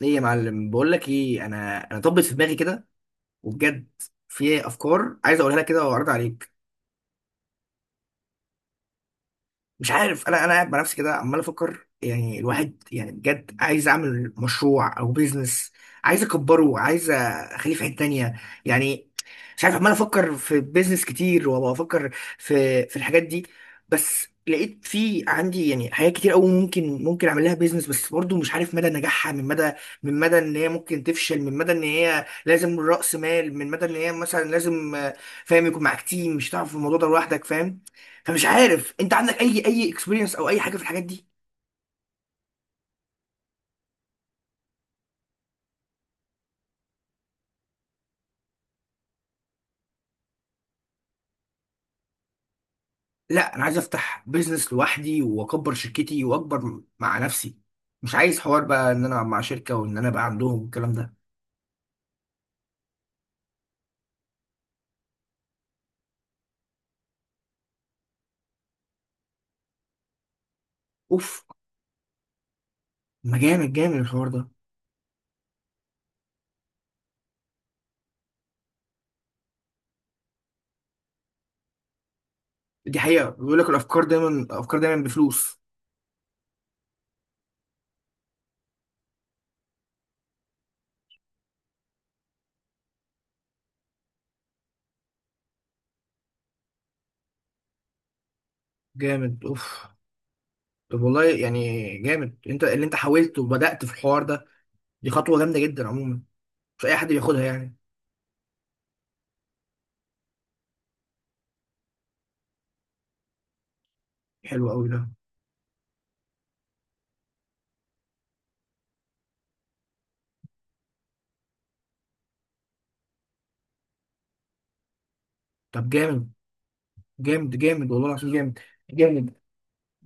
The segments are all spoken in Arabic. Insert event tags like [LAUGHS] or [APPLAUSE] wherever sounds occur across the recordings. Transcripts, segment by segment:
ليه يا معلم؟ بقول لك ايه، انا طبت في دماغي كده وبجد. في افكار عايز اقولها لك كده واعرض عليك. مش عارف، انا قاعد مع نفسي كده عمال افكر، يعني الواحد يعني بجد عايز اعمل مشروع او بيزنس، عايز اكبره، عايز اخليه في حته تانية يعني. مش عارف، عمال افكر في بيزنس كتير وافكر في الحاجات دي. بس لقيت في عندي يعني حاجات كتير قوي ممكن اعمل لها بيزنس، بس برضو مش عارف مدى نجاحها، من مدى ان هي ممكن تفشل، من مدى ان هي لازم رأس مال، من مدى ان هي مثلا لازم، فاهم، يكون معاك تيم. مش هتعرف في الموضوع ده لوحدك، فاهم. فمش عارف انت عندك اي اكسبيرينس او اي حاجه في الحاجات دي. لا انا عايز افتح بيزنس لوحدي واكبر شركتي واكبر مع نفسي، مش عايز حوار بقى ان انا مع شركه وان انا بقى عندهم الكلام ده. اوف، ما جامد جامد الحوار ده. دي حقيقه، بيقول لك الافكار دايما، الافكار دايما بفلوس. جامد، اوف. طب والله يعني جامد انت اللي انت حاولت وبدات في الحوار ده. دي خطوه جامده جدا عموما، مش اي حد بياخدها يعني. حلو قوي ده. طب جامد، جامد جامد والله العظيم، جامد جامد.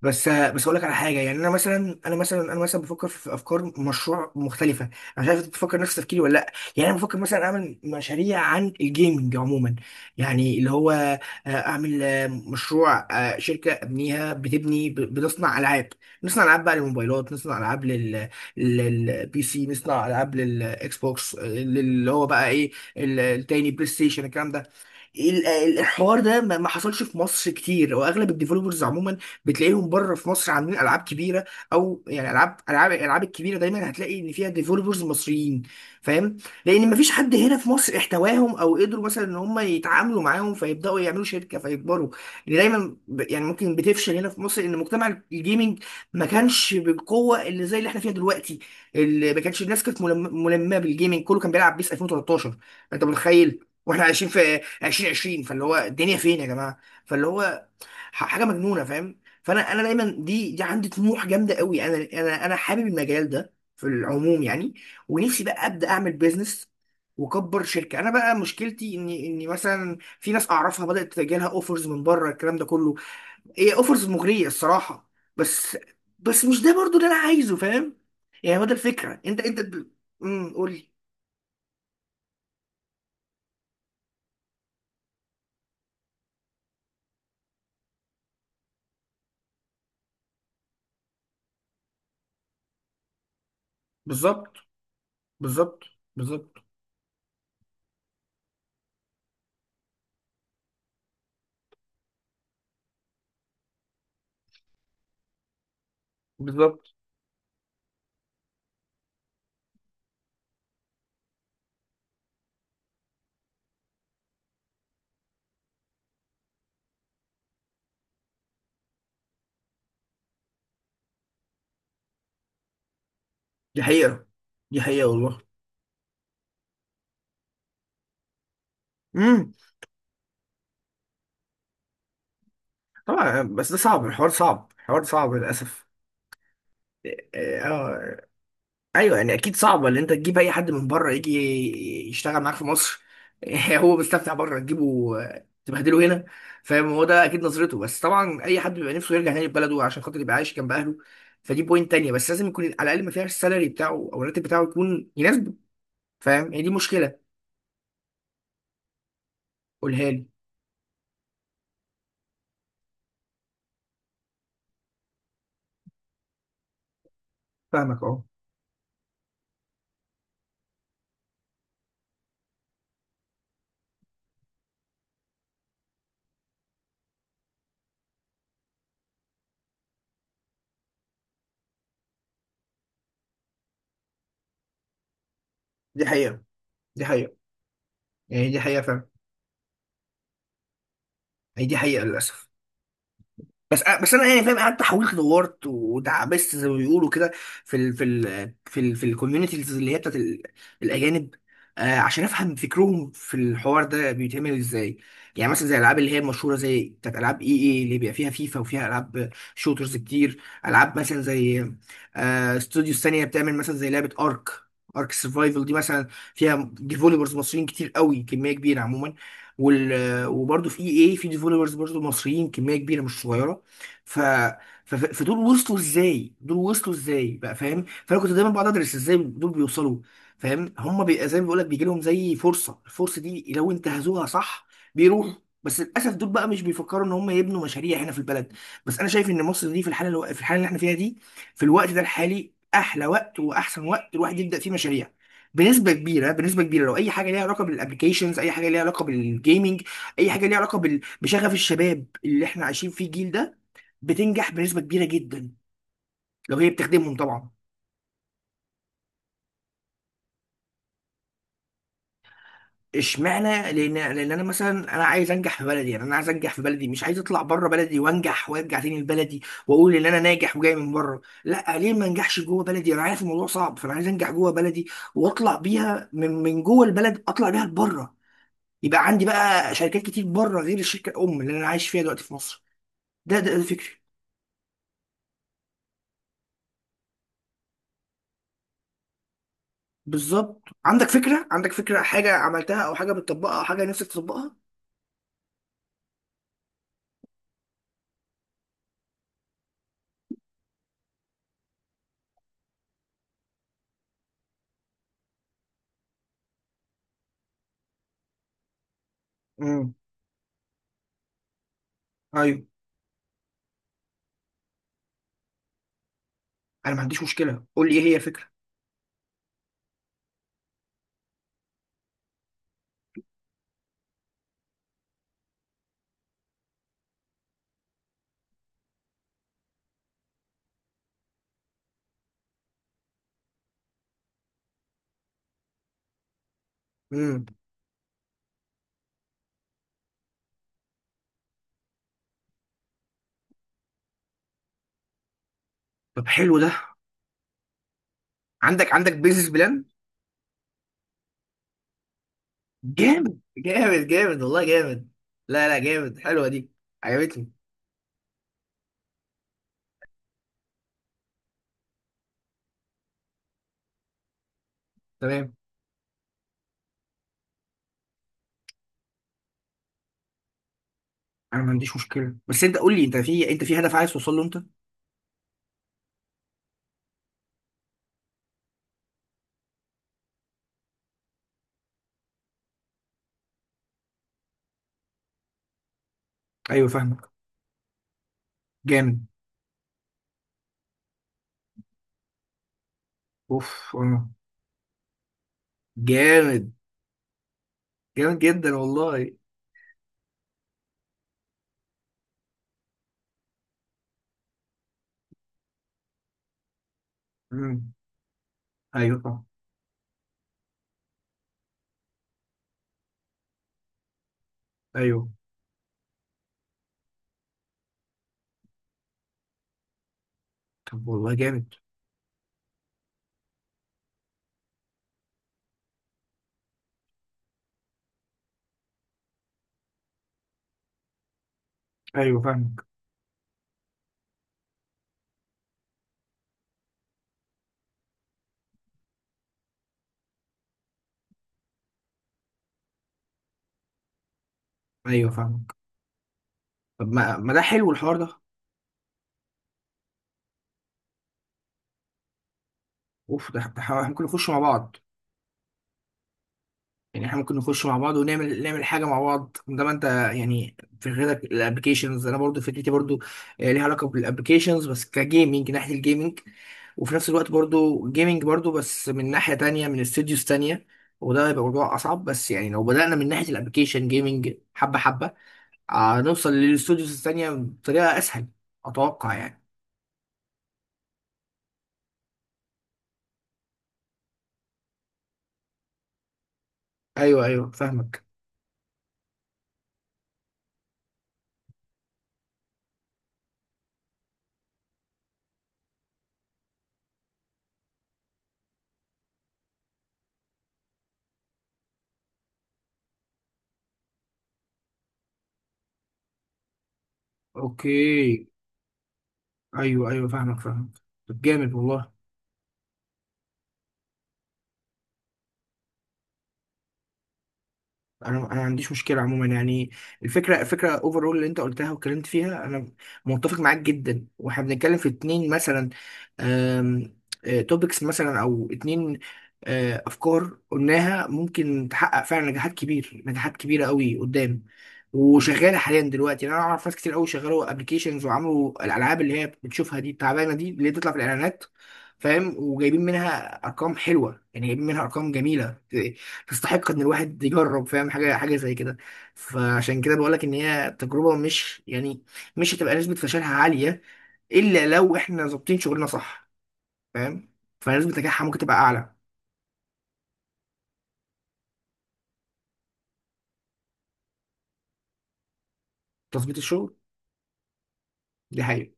بس اقول لك على حاجه. يعني انا مثلا بفكر في افكار مشروع مختلفه. انا مش عارف انت بتفكر نفس تفكيري ولا لا. يعني انا بفكر مثلا اعمل مشاريع عن الجيمنج عموما. يعني اللي هو، اعمل مشروع، شركه ابنيها بتبني، بتصنع العاب. نصنع العاب بقى للموبايلات، نصنع العاب لل، سي، نصنع العاب للاكس بوكس. اللي هو بقى ايه، التاني، بلاي ستيشن الكلام ده. الحوار ده ما حصلش في مصر كتير. واغلب الديفلوبرز عموما بتلاقيهم بره في مصر عاملين العاب كبيره. او يعني العاب، الالعاب الكبيره دايما هتلاقي ان فيها ديفلوبرز مصريين، فاهم. لان ما فيش حد هنا في مصر احتواهم او قدروا مثلا ان هم يتعاملوا معاهم فيبداوا يعملوا شركه فيكبروا. اللي دايما يعني ممكن بتفشل هنا في مصر، ان مجتمع الجيمنج ما كانش بالقوه اللي زي اللي احنا فيها دلوقتي. اللي ما كانش الناس كانت ملمه بالجيمنج، كله كان بيلعب بيس 2013. انت متخيل؟ واحنا عايشين في 2020. فاللي هو الدنيا فين يا جماعه. فاللي هو حاجه مجنونه، فاهم. فانا دايما، دي عندي طموح جامده قوي. انا حابب المجال ده في العموم يعني، ونفسي بقى ابدا اعمل بيزنس واكبر شركه. انا بقى مشكلتي اني مثلا في ناس اعرفها بدات تجيلها اوفرز من بره، الكلام ده كله. هي اوفرز مغريه الصراحه، بس بس مش ده برضو اللي انا عايزه، فاهم. يعني هو ده الفكره. انت قول لي. بالظبط، بالظبط، بالظبط، بالظبط. دي حقيقة، دي حقيقة والله. امم طبعا، بس ده صعب، الحوار صعب، الحوار صعب للأسف. إيه، آه أيوه، يعني أكيد صعب إن أنت تجيب أي حد من بره يجي يشتغل معاك في مصر. [LAUGHS] هو مستمتع بره، تجيبه تبهدله هنا، فاهم. هو ده أكيد نظرته، بس طبعا أي حد بيبقى نفسه يرجع تاني لبلده، عشان خاطر يبقى عايش جنب أهله. فدي بوينت تانية، بس لازم يكون على الأقل ما فيهاش السالري بتاعه أو الراتب بتاعه يكون يناسبه، فاهم. هي دي مشكلة. قولها لي. فاهمك، أه. دي حقيقة، دي حقيقة، يعني دي حقيقة، فاهم. هي دي حقيقة للأسف. بس انا يعني، فاهم، قعدت حاولت دورت ودعبست زي ما بيقولوا كده، في الكوميونيتيز اللي هي بتاعت الاجانب، عشان افهم فكرهم في الحوار ده بيتعمل ازاي. يعني مثلا زي الالعاب اللي هي المشهوره، زي بتاعت العاب اي اي، اللي بيبقى فيها فيفا وفيها العاب شوترز كتير. العاب مثلا زي، استوديوز ثانيه بتعمل مثلا زي لعبه، ارك سرفايفل دي مثلا، فيها ديفولبرز مصريين كتير قوي، كميه كبيره عموما. وال وبرضه في اي اي في ديفولبرز برضه مصريين كميه كبيره مش صغيره. ف... فدول وصلوا ازاي، دول وصلوا ازاي بقى، فاهم. فانا كنت دايما بقعد ادرس ازاي دول بيوصلوا، فاهم. زي ما بيقول لك بيجي لهم زي فرصه، الفرصه دي لو انتهزوها صح بيروحوا. بس للاسف دول بقى مش بيفكروا ان هم يبنوا مشاريع هنا في البلد. بس انا شايف ان مصر دي في الحاله اللي احنا فيها دي، في الوقت ده الحالي احلى وقت واحسن وقت الواحد يبدا فيه مشاريع. بنسبه كبيره، بنسبه كبيره لو اي حاجه ليها علاقه بالابلكيشنز، اي حاجه ليها علاقه بالجيمنج، اي حاجه ليها علاقه بشغف الشباب اللي احنا عايشين فيه، الجيل ده، بتنجح بنسبه كبيره جدا، لو هي بتخدمهم طبعا. اشمعنى؟ لان انا عايز انجح في بلدي. يعني انا عايز انجح في بلدي، مش عايز اطلع بره بلدي وانجح وارجع تاني لبلدي واقول ان انا ناجح وجاي من بره. لا، ليه ما انجحش جوه بلدي؟ انا عارف الموضوع صعب، فانا عايز انجح جوه بلدي واطلع بيها من جوه البلد، اطلع بيها لبره، يبقى عندي بقى شركات كتير بره غير الشركه الام اللي انا عايش فيها دلوقتي في مصر. ده فكري. بالظبط، عندك فكره، عندك فكره، حاجه عملتها او حاجه بتطبقها او حاجه نفسك تطبقها؟ امم ايوه، انا ما عنديش مشكله، قول لي ايه هي الفكره. امم طب حلو ده. عندك بيزنس بلان؟ جامد، جامد جامد والله، جامد. لا لا، جامد، حلوه دي، عجبتني. تمام، انا ما عنديش مشكله. بس انت قول لي، انت في، انت في هدف عايز توصل له انت؟ ايوه، فاهمك. جامد، اوف، اه، جامد، جامد جدا والله. امم ايوه، فاهم. ايوه، طب والله جامد. ايوه، فاهمك. ايوه، فاهمك. طب، ما ده حلو الحوار ده. اوف، ممكن نخش مع بعض. يعني احنا ممكن نخش مع بعض ونعمل، نعمل حاجه مع بعض. ده ما انت يعني. في غيرك، الابلكيشنز انا برضو فكرتي برضو، ليها علاقه بالابلكيشنز بس كجيمنج، ناحيه الجيمنج. وفي نفس الوقت برضو جيمنج برضو، بس من ناحيه تانية، من استوديوز تانية. وده هيبقى موضوع اصعب، بس يعني لو بدانا من ناحيه الابلكيشن جيمنج حبه حبه، هنوصل للاستوديوز التانية بطريقه اسهل، اتوقع يعني. ايوه، ايوه، فاهمك. اوكي. ايوه، ايوه، فاهمك، فاهمك. طب جامد والله. انا ما عنديش مشكله عموما يعني. الفكره اوفرول اللي انت قلتها واتكلمت فيها، انا متفق معاك جدا. واحنا بنتكلم في اتنين مثلا توبكس مثلا، او اتنين، افكار قلناها، ممكن تحقق فعلا نجاحات كبيره قوي قدام، وشغاله حاليا دلوقتي يعني. انا اعرف ناس كتير قوي شغالوا ابلكيشنز وعملوا الالعاب اللي هي بتشوفها دي التعبانه دي اللي بتطلع في الاعلانات، فاهم. وجايبين منها ارقام حلوه، يعني جايبين منها ارقام جميله، تستحق ان الواحد يجرب، فاهم، حاجه حاجه زي كده. فعشان كده بقول لك ان هي تجربه، مش يعني مش هتبقى نسبه فشلها عاليه، الا لو احنا ظابطين شغلنا صح، فاهم. فنسبه نجاحها ممكن تبقى اعلى. تظبيط الشغل، دي حقيقه.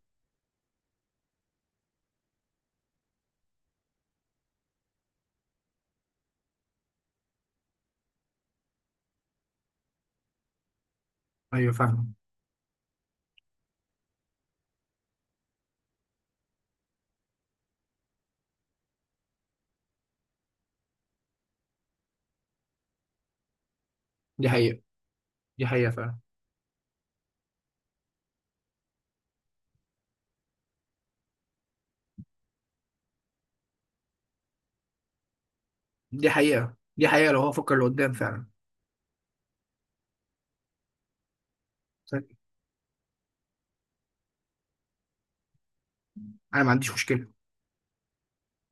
ايوه، فاهم. دي حقيقه، دي حقيقه فعلا. دي حقيقه، دي حقيقه، لو هو فكر لقدام فعلا. انا ما عنديش مشكله